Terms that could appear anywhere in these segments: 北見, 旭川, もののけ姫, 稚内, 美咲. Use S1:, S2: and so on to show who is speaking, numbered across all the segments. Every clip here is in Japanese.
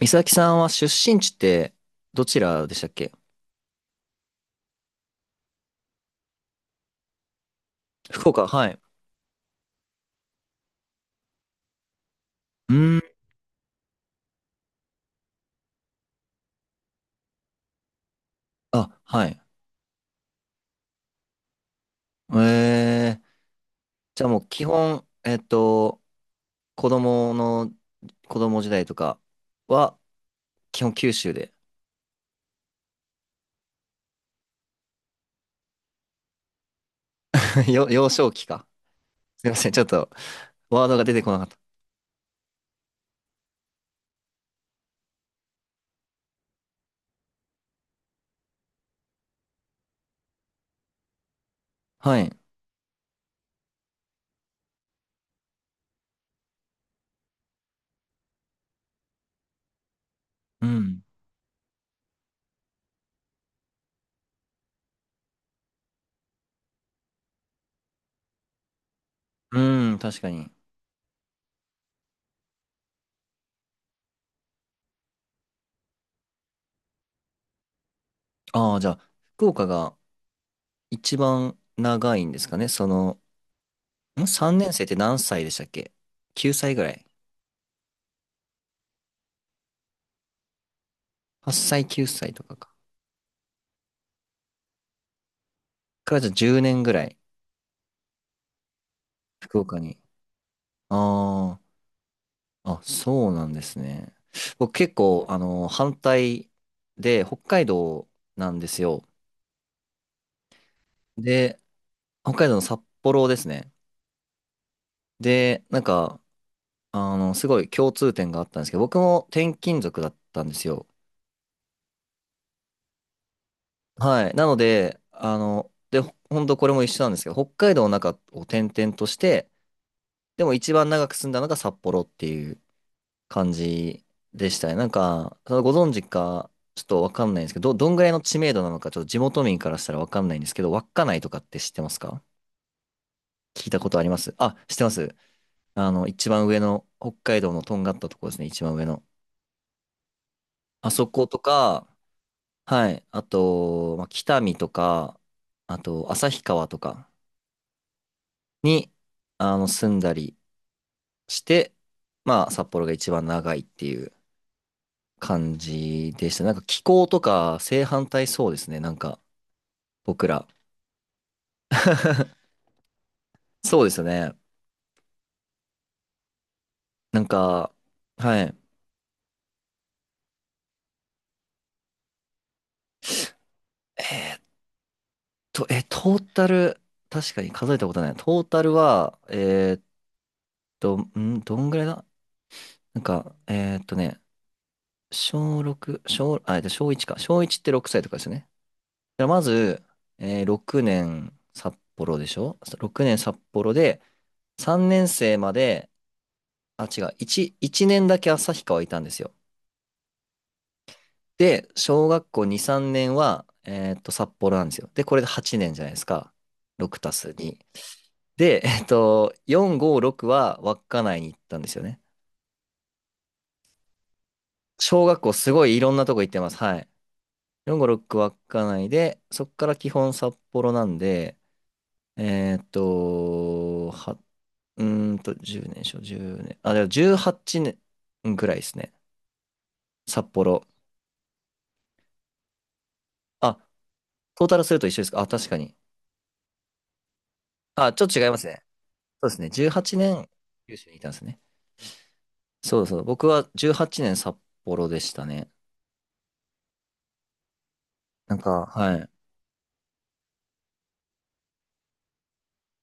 S1: 美咲さんは出身地ってどちらでしたっけ？福岡、はい。うーん、あ、はい。えー、じゃあもう基本、子供の、子供時代とかは、基本九州で。幼少期か。すいません、ちょっと、ワードが出てこなかった。はい。うん。うん、確かに。ああ、じゃあ、福岡が一番長いんですかね。その、3 年生って何歳でしたっけ？ 9 歳ぐらい。8歳、9歳とかか。からじゃあ10年ぐらい。福岡に。ああ、そうなんですね。僕結構、反対で、北海道なんですよ。で、北海道の札幌ですね。で、なんか、すごい共通点があったんですけど、僕も転勤族だったんですよ。はい。なので、で、ほんとこれも一緒なんですけど、北海道の中を転々として、でも一番長く住んだのが札幌っていう感じでしたね。なんか、そのご存知か、ちょっとわかんないんですけど、どんぐらいの知名度なのか、ちょっと地元民からしたらわかんないんですけど、稚内とかって知ってますか？聞いたことあります。あ、知ってます。一番上の、北海道のとんがったところですね、一番上の。あそことか、はい、あと、まあ、北見とか、あと、旭川とかに、住んだりして、まあ、札幌が一番長いっていう感じでした。なんか気候とか正反対そうですね、なんか。僕ら。そうですよね。なんか、はい。トータル、確かに数えたことない。トータルは、どんぐらいだ。なんか、小6、小、あ、えっと小1か。小1って6歳とかですよね。だからまず、6 年札幌で、3年生まで、あ、違う、1年だけ旭川いたんですよ。で、小学校2、3年は、札幌なんですよ。で、これで8年じゃないですか。6たす2。で、4、5、6は稚内に行ったんですよね。小学校すごいいろんなとこ行ってます。はい。4、5、6稚内で、そっから基本札幌なんで、えーっと、は、うーんと、10年、じゅう年。あ、でも18年ぐらいですね。札幌。あ、トータルすると一緒ですか。あ、確かに。あ、ちょっと違いますね。そうですね。18年、九州にいたんですね。そうそう。僕は18年札幌でしたね。なんか、はい。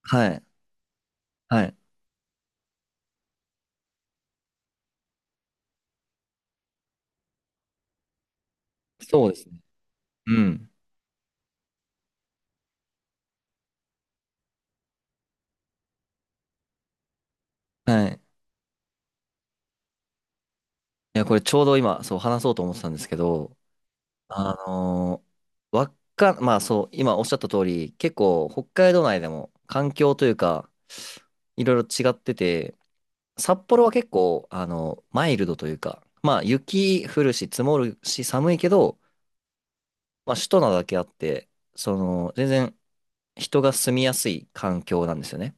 S1: はい。はい。そうですね。うん。はい。いや、これちょうど今、そう話そうと思ってたんですけど、あのわっか、まあそう、今おっしゃった通り、結構北海道内でも環境というか、いろいろ違ってて、札幌は結構、マイルドというか、まあ雪降るし積もるし寒いけど、まあ首都なだけあって、その、全然人が住みやすい環境なんですよね。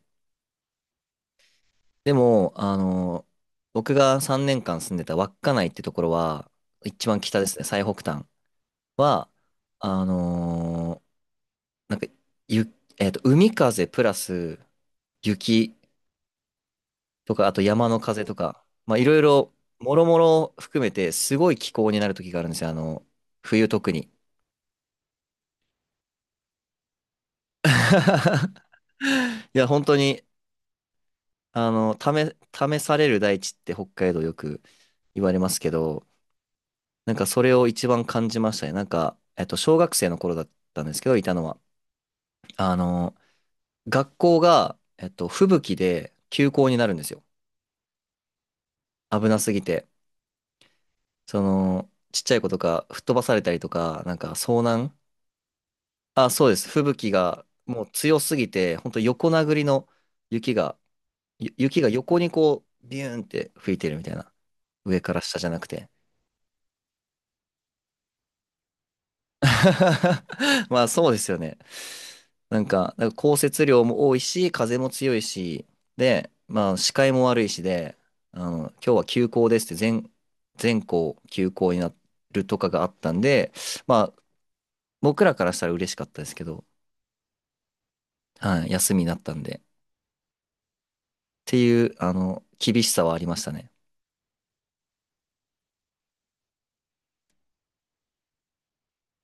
S1: でも、僕が3年間住んでた稚内ってところは、一番北ですね、最北端は、あのなんか、ゆ、えっと、海風プラス雪とか、あと山の風とか、まあ、いろいろ、もろもろ含めて、すごい気候になる時があるんですよ、冬特に。いや、本当に、あの、試、試される大地って北海道よく言われますけど、なんかそれを一番感じましたね。なんか、小学生の頃だったんですけど、いたのは。あの、学校が、吹雪で休校になるんですよ。危なすぎて。その、ちっちゃい子とか吹っ飛ばされたりとか、なんか遭難。あ、そうです。吹雪がもう強すぎて、本当横殴りの雪が、雪が横にこう、ビューンって吹いてるみたいな。上から下じゃなくて。まあそうですよね。なんか降雪量も多いし、風も強いし、で、まあ視界も悪いしで、今日は休校ですって全校休校になるとかがあったんで、まあ僕らからしたら嬉しかったですけど、はい、休みになったんで、っていう、厳しさはありましたね。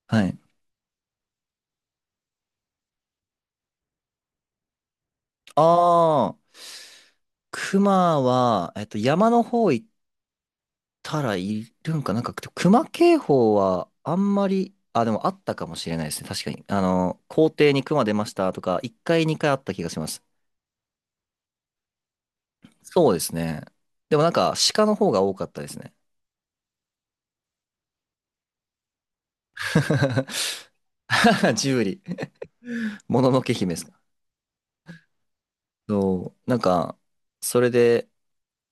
S1: はい。ああ、熊は、山の方行たらいるんか、なんか、熊警報はあんまり、あ、でもあったかもしれないですね。確かに。校庭に熊出ましたとか、1回、2回あった気がします。そうですね。でもなんか、鹿の方が多かったですね。ジブリ。もののけ姫ですか。そう、なんか、それで、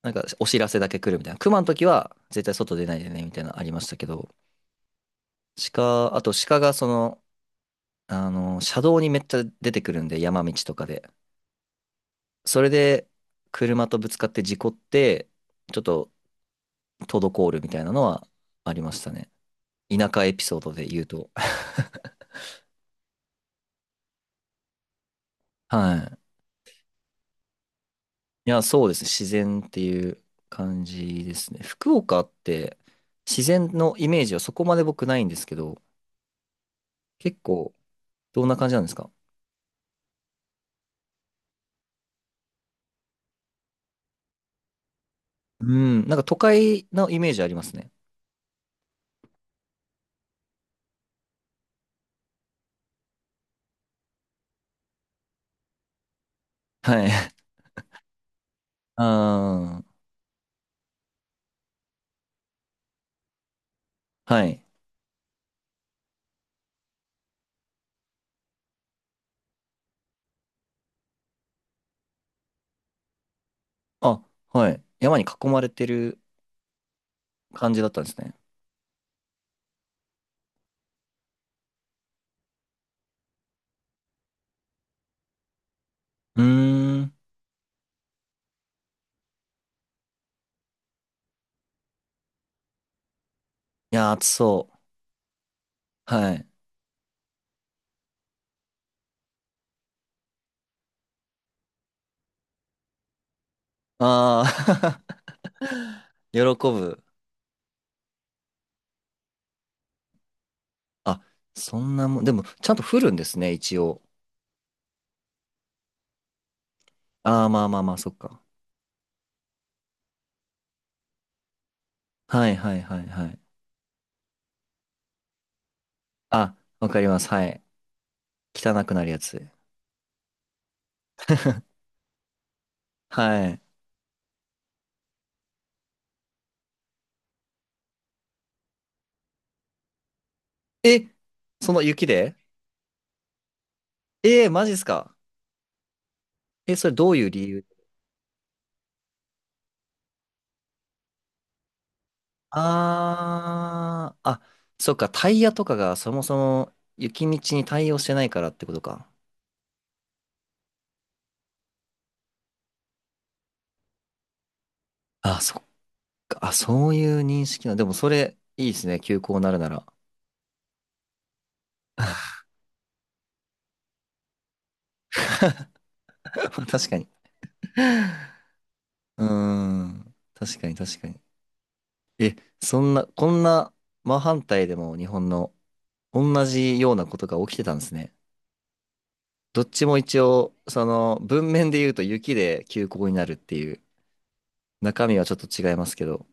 S1: なんか、お知らせだけ来るみたいな。熊の時は、絶対外出ないでね、みたいなのありましたけど、あと鹿がその、車道にめっちゃ出てくるんで、山道とかで。それで車とぶつかって事故って、ちょっと滞るみたいなのはありましたね。田舎エピソードで言うと。はい。いや、そうですね。自然っていう感じですね。福岡って自然のイメージはそこまで僕ないんですけど、結構どんな感じなんですか？うん、なんか都会のイメージありますね。はい。ああはい。あ、はい。山に囲まれてる感じだったんですね。うーん。いや、暑そう。はい。ああ 喜ぶ。あ、そんなもん、でも、ちゃんと降るんですね、一応。ああ、まあまあまあ、そっか。はいはいはいはい。あ、わかります。はい。汚くなるやつ。はい。え、その雪で？マジっすか？え、それどういう理由？ああー、あ、そっか、タイヤとかがそもそも雪道に対応してないからってことか。あ、そっか、あ、そういう認識な。でもそれ、いいですね、休校になるなら。確かに。うーん。確かに確かに。そんな、こんな真反対でも日本の同じようなことが起きてたんですね。どっちも一応、その文面で言うと雪で休校になるっていう中身はちょっと違いますけど。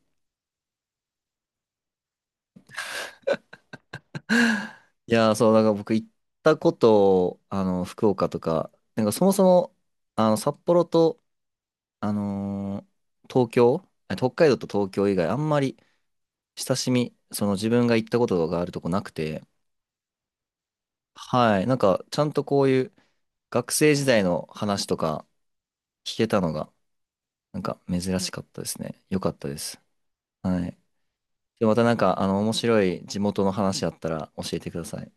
S1: いやー、そう、なんか僕行ったこと、福岡とか、なんかそもそも、札幌と、あのー東京、あ、北海道と東京以外あんまり親しみ、その自分が行ったことがあるとこなくて、はい。なんか、ちゃんとこういう学生時代の話とか聞けたのが、なんか珍しかったですね。よかったです。はい。で、またなんか、面白い地元の話あったら教えてください。